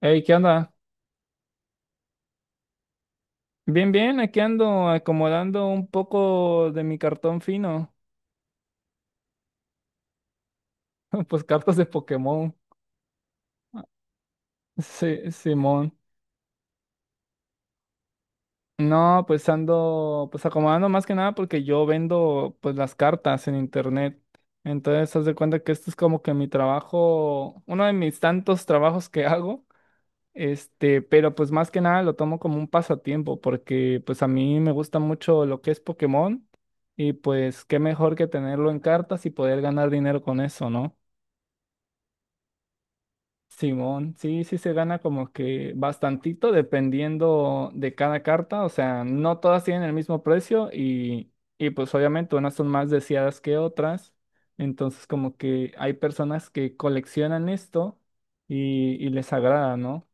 Hey, ¿qué onda? Bien, bien, aquí ando acomodando un poco de mi cartón fino. Pues cartas de Pokémon. Sí, Simón. No, pues ando pues acomodando más que nada porque yo vendo pues las cartas en internet. Entonces, haz de cuenta que esto es como que mi trabajo, uno de mis tantos trabajos que hago. Este, pero pues más que nada lo tomo como un pasatiempo porque pues a mí me gusta mucho lo que es Pokémon y pues qué mejor que tenerlo en cartas y poder ganar dinero con eso, ¿no? Simón, sí, sí se gana como que bastantito dependiendo de cada carta, o sea, no todas tienen el mismo precio y pues obviamente unas son más deseadas que otras, entonces como que hay personas que coleccionan esto y les agrada, ¿no?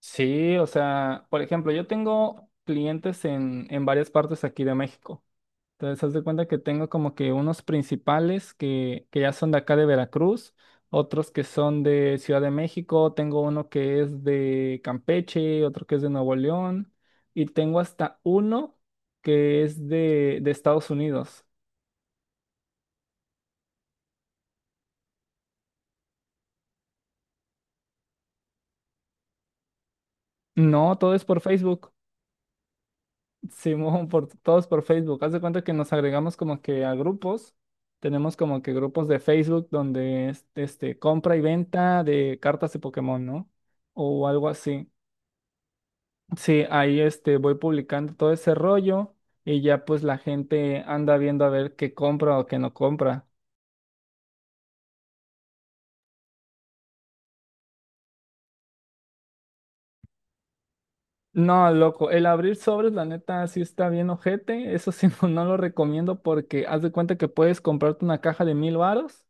Sí, o sea, por ejemplo, yo tengo clientes en varias partes aquí de México. Entonces, haz de cuenta que tengo como que unos principales que ya son de acá de Veracruz, otros que son de Ciudad de México, tengo uno que es de Campeche, otro que es de Nuevo León, y tengo hasta uno que es de Estados Unidos. No, todo es por Facebook. Simón, por, todos por Facebook. Haz de cuenta que nos agregamos como que a grupos. Tenemos como que grupos de Facebook donde es, este, compra y venta de cartas de Pokémon, ¿no? O algo así. Sí, ahí este, voy publicando todo ese rollo y ya pues la gente anda viendo a ver qué compra o qué no compra. No, loco, el abrir sobres, la neta, sí está bien ojete. Eso sí, no, no lo recomiendo porque haz de cuenta que puedes comprarte una caja de 1,000 varos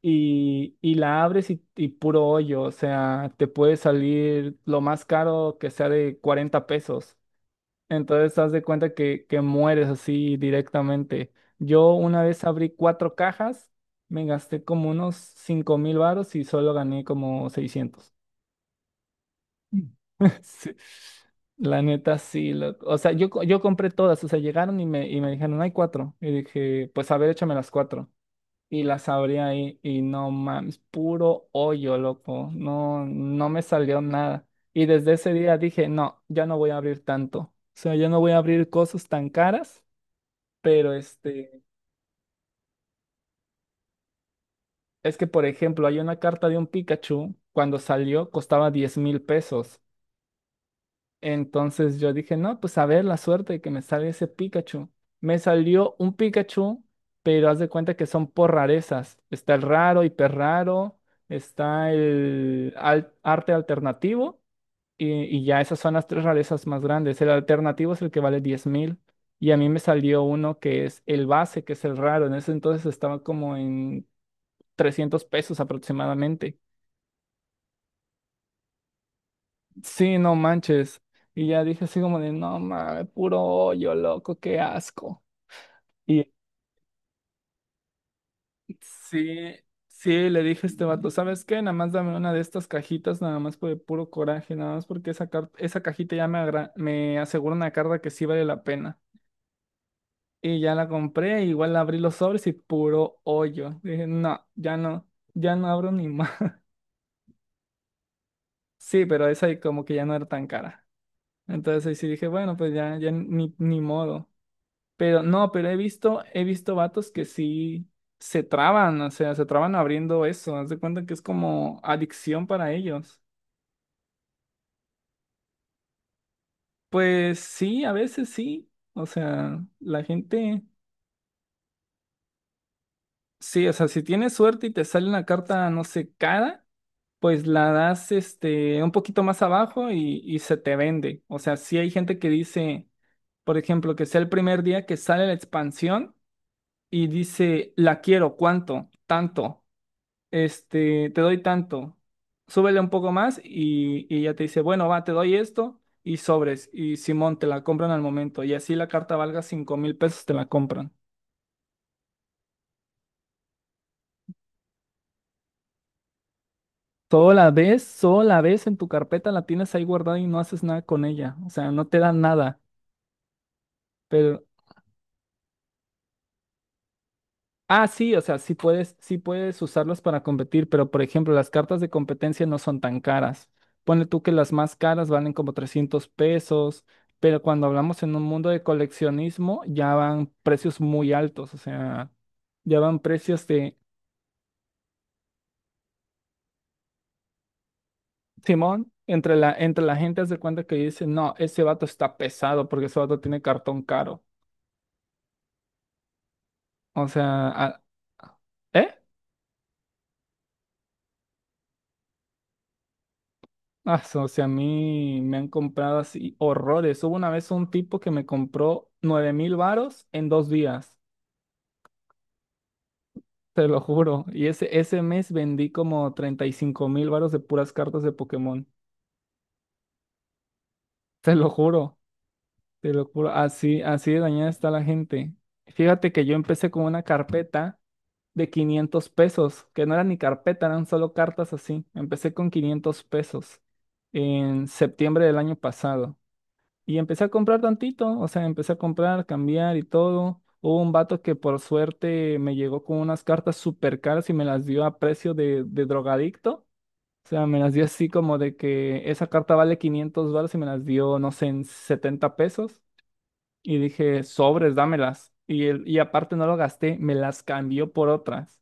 y la abres y puro hoyo, o sea, te puede salir lo más caro que sea de 40 pesos. Entonces, haz de cuenta que mueres así directamente. Yo una vez abrí cuatro cajas, me gasté como unos 5,000 varos y solo gané como 600. Mm. Sí. La neta, sí. Loco. O sea, yo compré todas, o sea, llegaron y me dijeron, "No hay cuatro". Y dije, pues a ver, échame las cuatro. Y las abrí ahí y no mames, puro hoyo, loco. No, no me salió nada. Y desde ese día dije, no, ya no voy a abrir tanto. O sea, ya no voy a abrir cosas tan caras. Pero este, es que por ejemplo, hay una carta de un Pikachu, cuando salió costaba 10,000 pesos. Entonces yo dije, no, pues a ver la suerte de que me salga ese Pikachu. Me salió un Pikachu, pero haz de cuenta que son por rarezas. Está el raro, hiper raro, está el arte alternativo y, y ya esas son las tres rarezas más grandes. El alternativo es el que vale 10,000 y a mí me salió uno que es el base, que es el raro. En ese entonces estaba como en 300 pesos aproximadamente. Sí, no manches. Y ya dije así como de, no mames, puro hoyo, loco, qué asco. Y sí, sí, le dije a este vato, ¿sabes qué? Nada más dame una de estas cajitas, nada más por el puro coraje, nada más porque esa cajita ya me asegura una carga que sí vale la pena. Y ya la compré, igual abrí los sobres y puro hoyo. Dije, no, ya no abro ni más. Sí, pero esa como que ya no era tan cara. Entonces ahí sí dije, bueno, pues ya, ya ni modo. Pero no, pero he visto vatos que sí se traban, o sea, se traban abriendo eso. Haz de cuenta que es como adicción para ellos. Pues sí, a veces sí. O sea, la gente, sí, o sea, si tienes suerte y te sale una carta, no sé, cara, pues la das este un poquito más abajo y se te vende. O sea, sí hay gente que dice, por ejemplo, que sea el primer día que sale la expansión y dice, la quiero, ¿cuánto? Tanto. Este, te doy tanto, súbele un poco más y ya te dice, bueno, va, te doy esto y sobres, y Simón, te la compran al momento, y así la carta valga 5,000 pesos, te la compran. Solo la ves en tu carpeta, la tienes ahí guardada y no haces nada con ella, o sea, no te da nada. Ah, sí, o sea, sí puedes usarlas para competir, pero por ejemplo, las cartas de competencia no son tan caras. Ponle tú que las más caras valen como 300 pesos, pero cuando hablamos en un mundo de coleccionismo ya van precios muy altos, o sea, ya van precios de. Simón, entre la gente haz de cuenta que dice, no, ese vato está pesado porque ese vato tiene cartón caro. O sea, ah, ¿eh? Ah, o sea, a mí me han comprado así horrores. Hubo una vez un tipo que me compró 9,000 varos en 2 días, te lo juro. Y ese mes vendí como 35,000 varos de puras cartas de Pokémon. Te lo juro, te lo juro. Así, así de dañada está la gente. Fíjate que yo empecé con una carpeta de 500 pesos, que no era ni carpeta, eran solo cartas así. Empecé con 500 pesos en septiembre del año pasado. Y empecé a comprar tantito, o sea, empecé a comprar, cambiar y todo. Hubo un vato que por suerte me llegó con unas cartas súper caras y me las dio a precio de drogadicto. O sea, me las dio así como de que esa carta vale 500 dólares y me las dio, no sé, en 70 pesos. Y dije, sobres, dámelas. Y aparte no lo gasté, me las cambió por otras.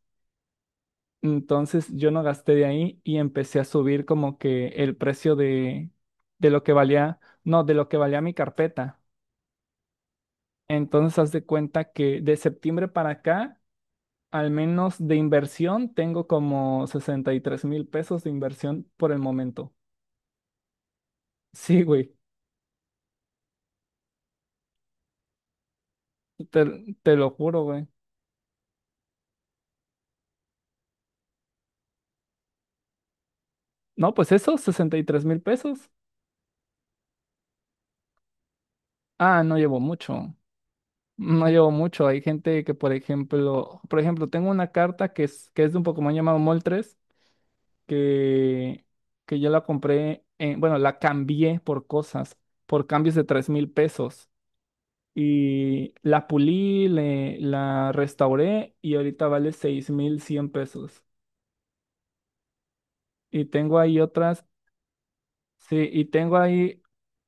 Entonces yo no gasté de ahí y empecé a subir como que el precio de lo que valía, no, de lo que valía mi carpeta. Entonces, haz de cuenta que de septiembre para acá, al menos de inversión, tengo como 63,000 pesos de inversión por el momento. Sí, güey, te, te lo juro, güey. No, pues eso, 63,000 pesos. Ah, no llevo mucho. No llevo mucho. Hay gente que, por ejemplo, tengo una carta que es de un Pokémon llamado Moltres, que, que yo la compré, bueno, la cambié por cosas, por cambios de 3,000 pesos. Y la pulí, la restauré y ahorita vale 6,100 pesos. Y tengo ahí otras, sí, y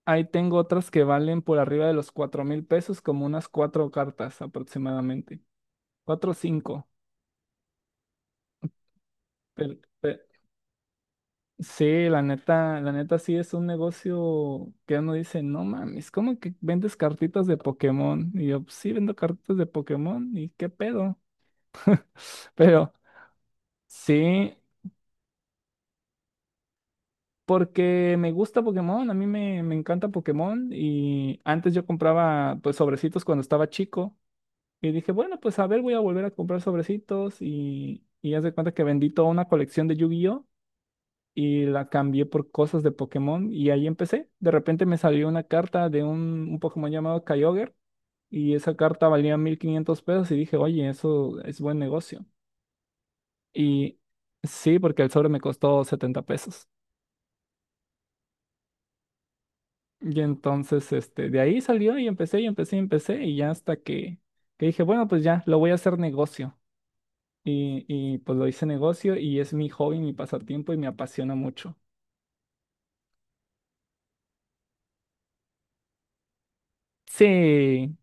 ahí tengo otras que valen por arriba de los 4,000 pesos, como unas cuatro cartas aproximadamente. Cuatro o cinco. Pero- pe- sí, la neta, sí es un negocio que uno dice, no mames, ¿cómo que vendes cartitas de Pokémon? Y yo, "Pues sí, vendo cartitas de Pokémon, ¿y qué pedo? Pero... Sí, porque me gusta Pokémon, a mí me encanta Pokémon y antes yo compraba pues sobrecitos cuando estaba chico y dije, bueno, pues a ver, voy a volver a comprar sobrecitos y haz de cuenta que vendí toda una colección de Yu-Gi-Oh y la cambié por cosas de Pokémon y ahí empecé. De repente me salió una carta de un Pokémon llamado Kyogre y esa carta valía 1,500 pesos y dije, oye, eso es buen negocio. Y sí, porque el sobre me costó 70 pesos. Y entonces, este, de ahí salió y empecé y empecé y empecé y ya hasta que dije, bueno, pues ya, lo voy a hacer negocio. Y pues lo hice negocio y es mi hobby, mi pasatiempo y me apasiona mucho. Sí,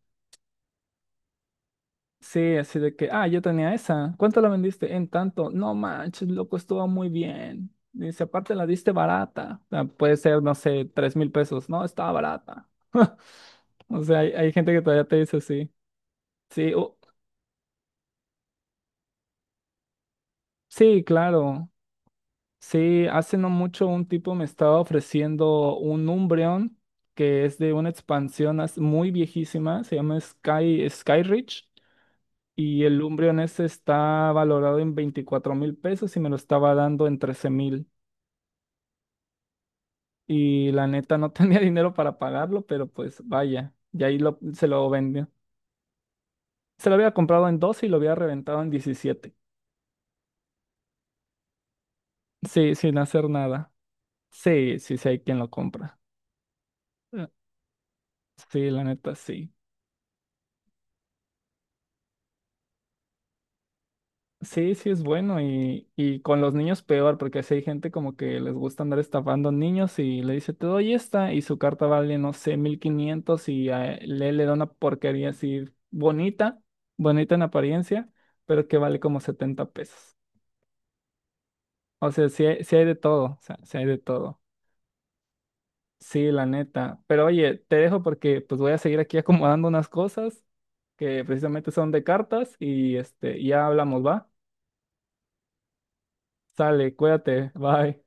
sí, así de que, ah, yo tenía esa. ¿Cuánto la vendiste? En tanto. No manches, loco, estuvo muy bien. Dice, aparte la diste barata. O sea, puede ser, no sé, 3,000 pesos. No, estaba barata. O sea, hay gente que todavía te dice así. Sí, o- sí, claro. Sí, hace no mucho un tipo me estaba ofreciendo un Umbreon que es de una expansión muy viejísima, se llama Skyreach, y el Umbreon ese está valorado en 24,000 pesos y me lo estaba dando en 13,000. Y la neta no tenía dinero para pagarlo, pero pues vaya, y ahí se lo vendió. Se lo había comprado en 12 y lo había reventado en diecisiete. Sí, sin hacer nada. Sí, sí, sí hay quien lo compra. Eh, Sí, la neta, sí. Sí, sí es bueno y con los niños peor, porque si hay gente como que les gusta andar estafando niños y le dice, te doy esta y su carta vale, no sé, 1,500 y a él le da una porquería así bonita, bonita en apariencia, pero que vale como 70 pesos. O sea, sí hay de todo, o sea, sí hay de todo. Sí, la neta. Pero oye, te dejo porque pues voy a seguir aquí acomodando unas cosas que precisamente son de cartas y este, ya hablamos, ¿va? Sale, cuídate, bye.